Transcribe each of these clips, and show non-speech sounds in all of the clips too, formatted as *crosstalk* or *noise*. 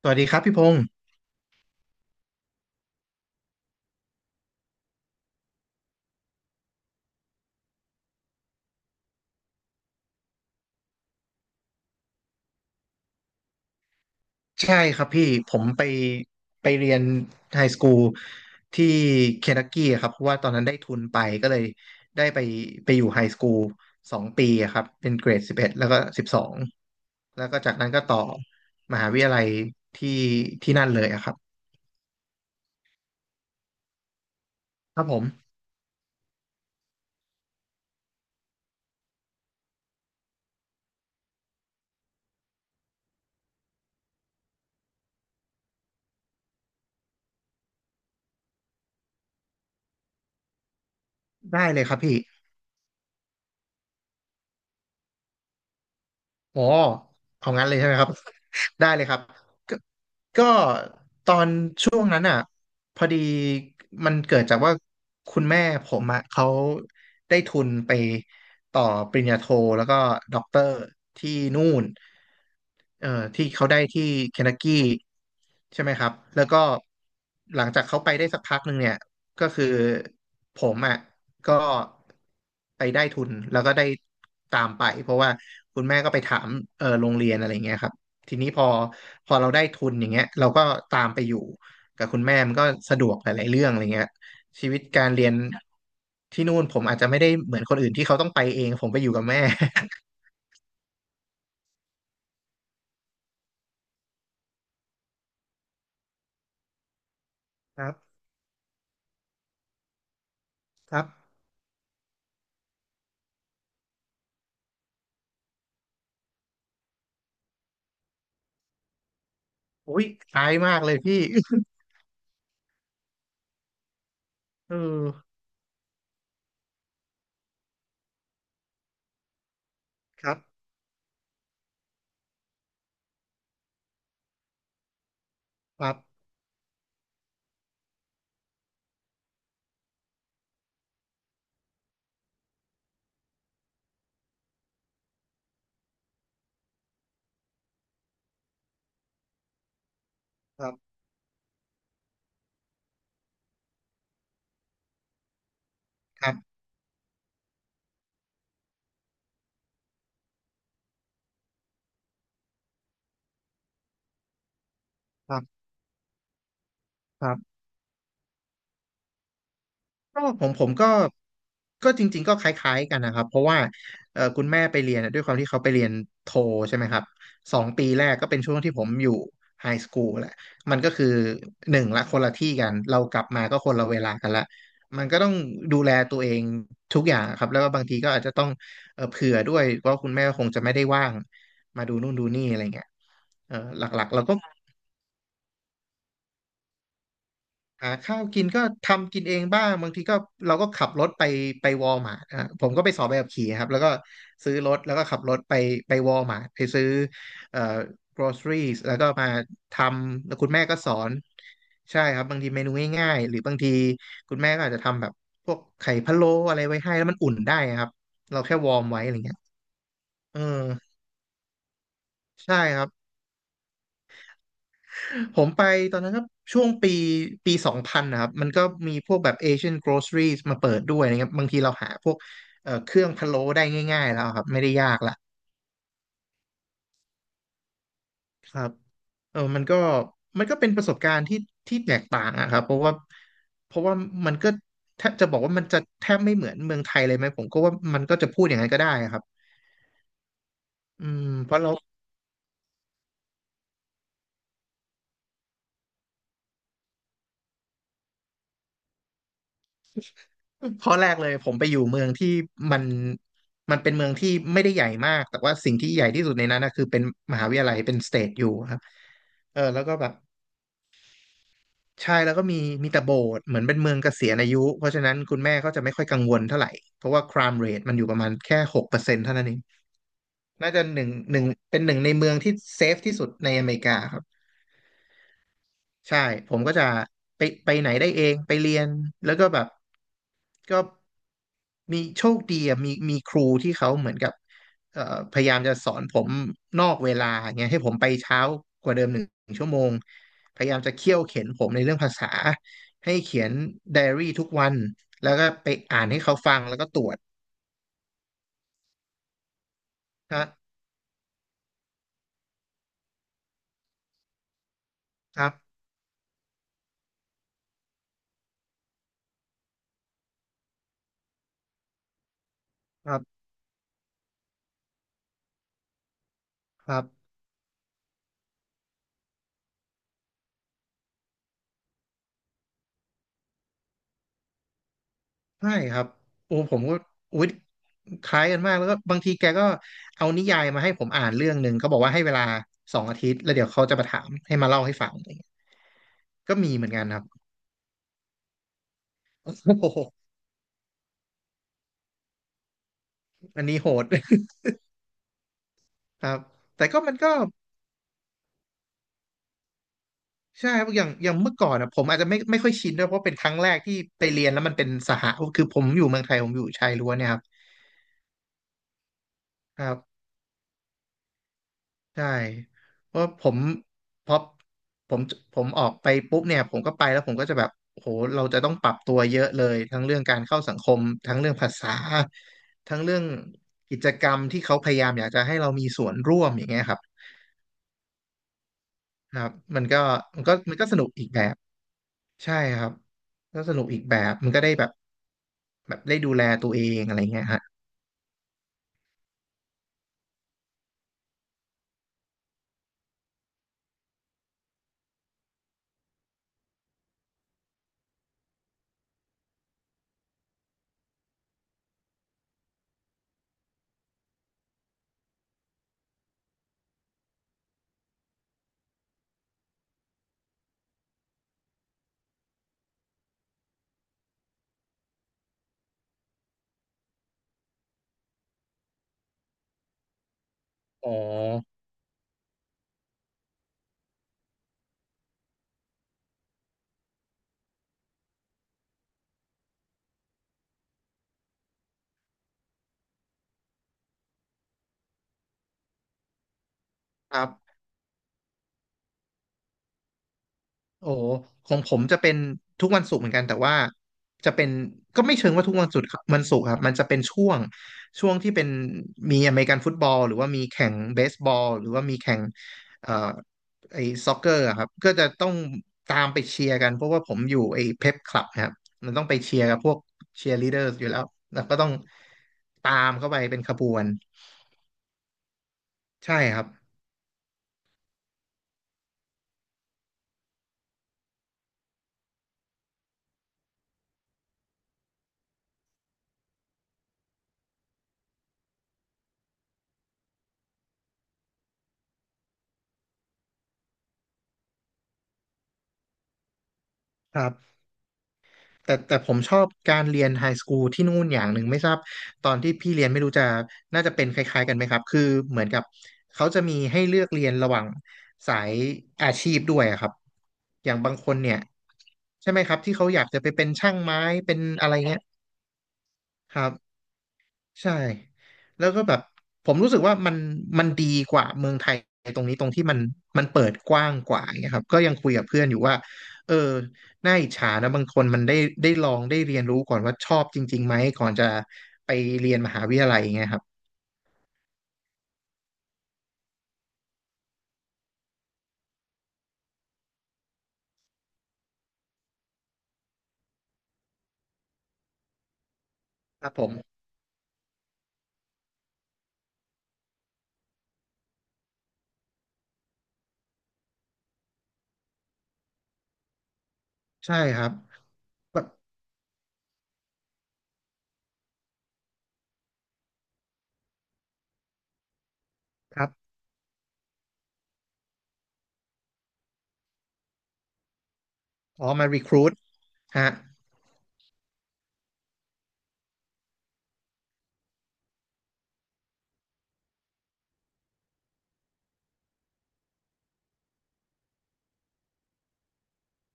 สวัสดีครับพี่พงศ์ใช่ครับพี่ผมไปเรียนไฮสคูลที่เคนทักกี้อะครับเพราะว่าตอนนั้นได้ทุนไปก็เลยได้ไปอยู่ไฮสคูลสองปีอะครับเป็นเกรด11แล้วก็12แล้วก็จากนั้นก็ต่อมหาวิทยาลัยที่ที่นั่นเลยอะครับครับผมได้เลยครับพี่ อ๋อเอางั้นเลยใช่ไหมครับ *laughs* ได้เลยครับก็ก็ตอนช่วงนั้นอ่ะพอดีมันเกิดจากว่าคุณแม่ผมอ่ะเขาได้ทุนไปต่อปริญญาโทแล้วก็ด็อกเตอร์ที่นู่นเอ่อที่เขาได้ที่เคน n ักกี้ ใช่ไหมครับแล้วก็หลังจากเขาไปได้สักพักหนึ่งเนี่ยก็คือผมอ่ะก็ไปได้ทุนแล้วก็ได้ตามไปเพราะว่าคุณแม่ก็ไปถามเออโรงเรียนอะไรเงี้ยครับทีนี้พอเราได้ทุนอย่างเงี้ยเราก็ตามไปอยู่กับคุณแม่มันก็สะดวกหลายๆเรื่องอะไรเงี้ยชีวิตการเรียนที่นู่นผมอาจจะไม่ได้เหมือนคนอื่นที่เขาต้องไปเองผมไปอยู่กับแม่ *laughs* ครับครับอุ้ย *laughs* คล้ายมากเลยพี่เออครับครับครับครับ ครับครับก็ผมก็จริงๆก็คล้ายๆกันนะครับเพราะว่าคุณแม่ไปเรียนอะด้วยความที่เขาไปเรียนโทใช่ไหมครับสองปีแรกก็เป็นช่วงที่ผมอยู่ไฮสคูลแหละมันก็คือหนึ่งละคนละที่กันเรากลับมาก็คนละเวลากันละมันก็ต้องดูแลตัวเองทุกอย่างครับแล้วก็บางทีก็อาจจะต้องเผื่อด้วยว่าคุณแม่คงจะไม่ได้ว่างมาดูนู่นดูนี่อะไรเงี้ยหลักๆเราก็ หาข้าวกินก็ทำกินเองบ้างบางทีก็เราก็ขับรถไปวอลมาร์ทอ่ะผมก็ไปสอบใบขับขี่ครับแล้วก็ซื้อรถแล้วก็ขับรถไปวอลมาร์ทไปซื้อเอ่อ groceries แล้วก็มาทำแล้วคุณแม่ก็สอนใช่ครับบางทีเมนูง่ายๆหรือบางทีคุณแม่ก็อาจจะทำแบบพวกไข่พะโล้อะไรไว้ให้แล้วมันอุ่นได้ครับเราแค่วอร์มไว้อะไรเงี้ยเออใช่ครับ ผมไปตอนนั้นก็ช่วงปี2000นะครับมันก็มีพวกแบบ Asian Groceries มาเปิดด้วยนะครับบางทีเราหาพวกเครื่องพะโล้ได้ง่ายๆแล้วครับไม่ได้ยากละครับเออมันก็เป็นประสบการณ์ที่ที่แตกต่างอะครับเพราะว่ามันก็แทบจะบอกว่ามันจะแทบไม่เหมือนเมืองไทยเลยไหมผมก็ว่ามันก็จะพูดอย่างนั้นก็ได้ครับอืมเพราะเรา ข้อแรกเลยผมไปอยู่เมืองที่มันมันเป็นเมืองที่ไม่ได้ใหญ่มากแต่ว่าสิ่งที่ใหญ่ที่สุดในนั้นนะคือเป็นมหาวิทยาลัยเป็นสเตทอยู่ครับเออแล้วก็แบบใช่แล้วก็มีแต่โบสถ์เหมือนเป็นเมืองเกษียณอายุเพราะฉะนั้นคุณแม่ก็จะไม่ค่อยกังวลเท่าไหร่เพราะว่า crime rate มันอยู่ประมาณแค่6%เท่านั้นเองน่าจะหนึ่งเป็นหนึ่งในเมืองที่เซฟที่สุดในอเมริกาครับ ใช่ ผมก็จะไปไหนได้เอง ไปเรียน แล้วก็แบบก็มีโชคดีอะมีครูที่เขาเหมือนกับเอ่อพยายามจะสอนผมนอกเวลาเงี้ยให้ผมไปเช้ากว่าเดิม1 ชั่วโมง พยายามจะเคี่ยวเข็นผมในเรื่องภาษาให้เขียนไดอารี่ทุกวัน แล้วก็ไปอ่านให้เขาฟังแล้วก็ตรวจนะครับครับครับ ใช่ครับโอ้ผมก็อุ๊ยคล้ายกันมากแล้วก็บางทีแกก็เอานิยายมาให้ผมอ่านเรื่องหนึ่งก็บอกว่าให้เวลา2 อาทิตย์แล้วเดี๋ยวเขาจะมาถามให้มาเล่าให้ฟังอะไรเงี้ยก็มีเหมือนกันครับ *laughs* โอ้โหอันนี้โหด *laughs* ครับแต่ก็มันก็ใช่ครับอย่างเมื่อก่อนนะผมอาจจะไม่ค่อยชินด้วยเพราะเป็นครั้งแรกที่ไปเรียนแล้วมันเป็นสหะคือผมอยู่เมืองไทยผมอยู่ชายล้วนเนี่ยครับ ใช่เพราะผมพอผมผมออกไปปุ๊บเนี่ยผมก็ไปแล้วผมก็จะแบบโหเราจะต้องปรับตัวเยอะเลยทั้งเรื่องการเข้าสังคมทั้งเรื่องภาษาทั้งเรื่องกิจกรรมที่เขาพยายามอยากจะให้เรามีส่วนร่วมอย่างเงี้ยครับครับมันก็มันก็สนุกอีกแบบใช่ครับก็สนุกอีกแบบมันก็ได้แบบแบบได้ดูแลตัวเองอะไรเงี้ยฮะอ๋อครับ โอ้ของผมจะเป็นทุกวันศุกร์เหมือนกันแต่ว่าจะเป็นก็ไม่เชิงว่าทุกวันศุกร์ครับวันศุกร์ครับมันจะเป็นช่วงที่เป็นมีอเมริกันฟุตบอลหรือว่ามีแข่งเบสบอลหรือว่ามีแข่งเอ่อไอ้ซ็อกเกอร์ครับก็จะต้องตามไปเชียร์กันเพราะว่าผมอยู่ไอ้เพปคลับนะครับมันต้องไปเชียร์กับพวกเชียร์ลีดเดอร์อยู่แล้วแล้วก็ต้องตามเข้าไปเป็นขบวนใช่ครับครับ แต่ผมชอบการเรียนไฮสคูลที่นู่นอย่างหนึ่งไม่ทราบตอนที่พี่เรียนไม่รู้จะน่าจะเป็นคล้ายๆกันไหมครับคือเหมือนกับเขาจะมีให้เลือกเรียนระหว่างสายอาชีพด้วยอะครับอย่างบางคนเนี่ยใช่ไหมครับที่เขาอยากจะไปเป็นช่างไม้เป็นอะไรเงี้ยครับ ใช่แล้วก็แบบผมรู้สึกว่ามันมันดีกว่าเมืองไทยตรงนี้ตรงที่มันมันเปิดกว้างกว่าอย่างเงี้ยครับก็ยังคุยกับเพื่อนอยู่ว่าเออน่าอิจฉานะบางคนมันได้ได้ลองได้เรียนรู้ก่อนว่าชอบจริงๆไหมก่อนจะไปเรียนมหาวิทยาลัยอย่างเงี้ยครับครับผมใช่ครับแบบครับอ๋อมารีครูทฮะ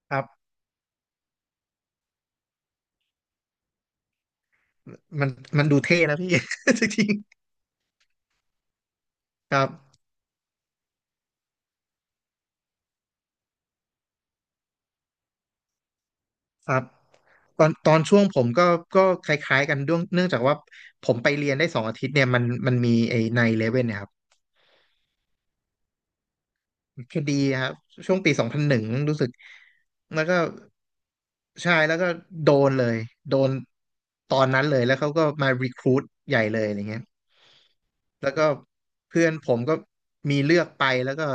ครับมันมันดูเท่นะพี่ *laughs* จริงๆครับ ครับตอนช่วงผมก็ก็คล้ายๆกันด้วยเนื่องจากว่าผมไปเรียนได้สองอาทิตย์เนี่ยมันมีไอ้ไนเลเว่นเนี่ยครับคดีครับช่วงปีสองพันหนึ่งรู้สึกแล้วก็ใช่แล้วก็โดนเลยโดนตอนนั้นเลยแล้วเขาก็มารีครู t ใหญ่เลยอะไรเงี้ยแล้วก็เพื่อนผมก็มีเลือกไปแล้วก็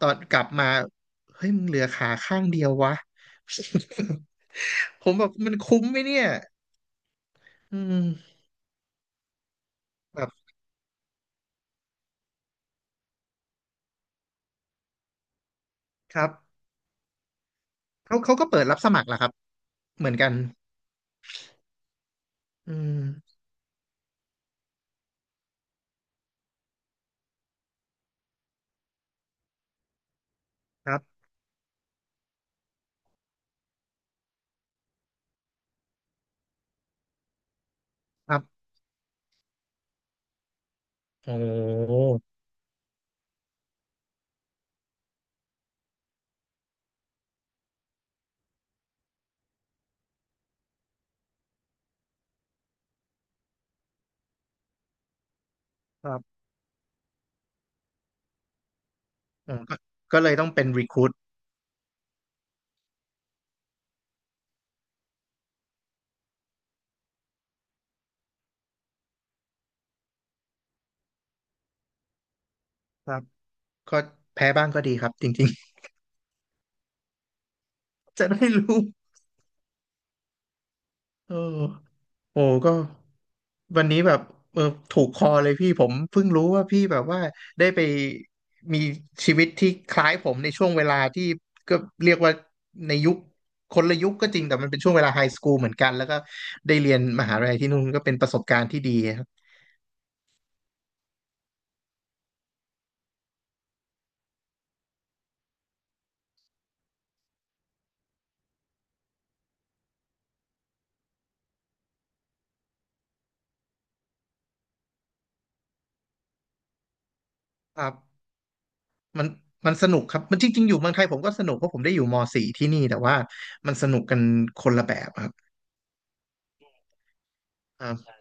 ตอนกลับมาเฮ้ยมึงเหลือขาข้างเดียววะ *laughs* ผมแบบมันคุ้มไหมเนี่ยอืม ครับเขาก็เปิดรับสมัครแหละครับเหมือนกันอืมครับครับโอ้ครับอืมก็ก็เลยต้องเป็นรีคู t ครับก็แพ้บ้างก็ดีครับจริงๆ *laughs* จะได้รู้เออโอ้ก็วันนี้แบบเออถูกคอเลยพี่ผมเพิ่งรู้ว่าพี่แบบว่าได้ไปมีชีวิตที่คล้ายผมในช่วงเวลาที่ก็เรียกว่าในยุคคนละยุคก็จริงแต่มันเป็นช่วงเวลาไฮสคูลเหมือนกันแล้วก็ได้เรียนมหาลัยที่นู่นก็เป็นประสบการณ์ที่ดี ครับมันมันสนุกครับมันจริงๆอยู่เมืองไทยผมก็สนุกเพราะผมได้อยู่ม .4 ที่นี่แต่ว่ามันสนุกกันคนละแบบครับอ่า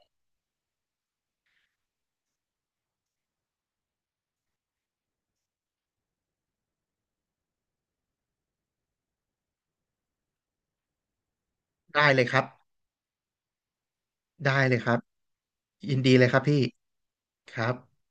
ได้เลยครับได้เลยครับยินดีเลยครับพี่ครับ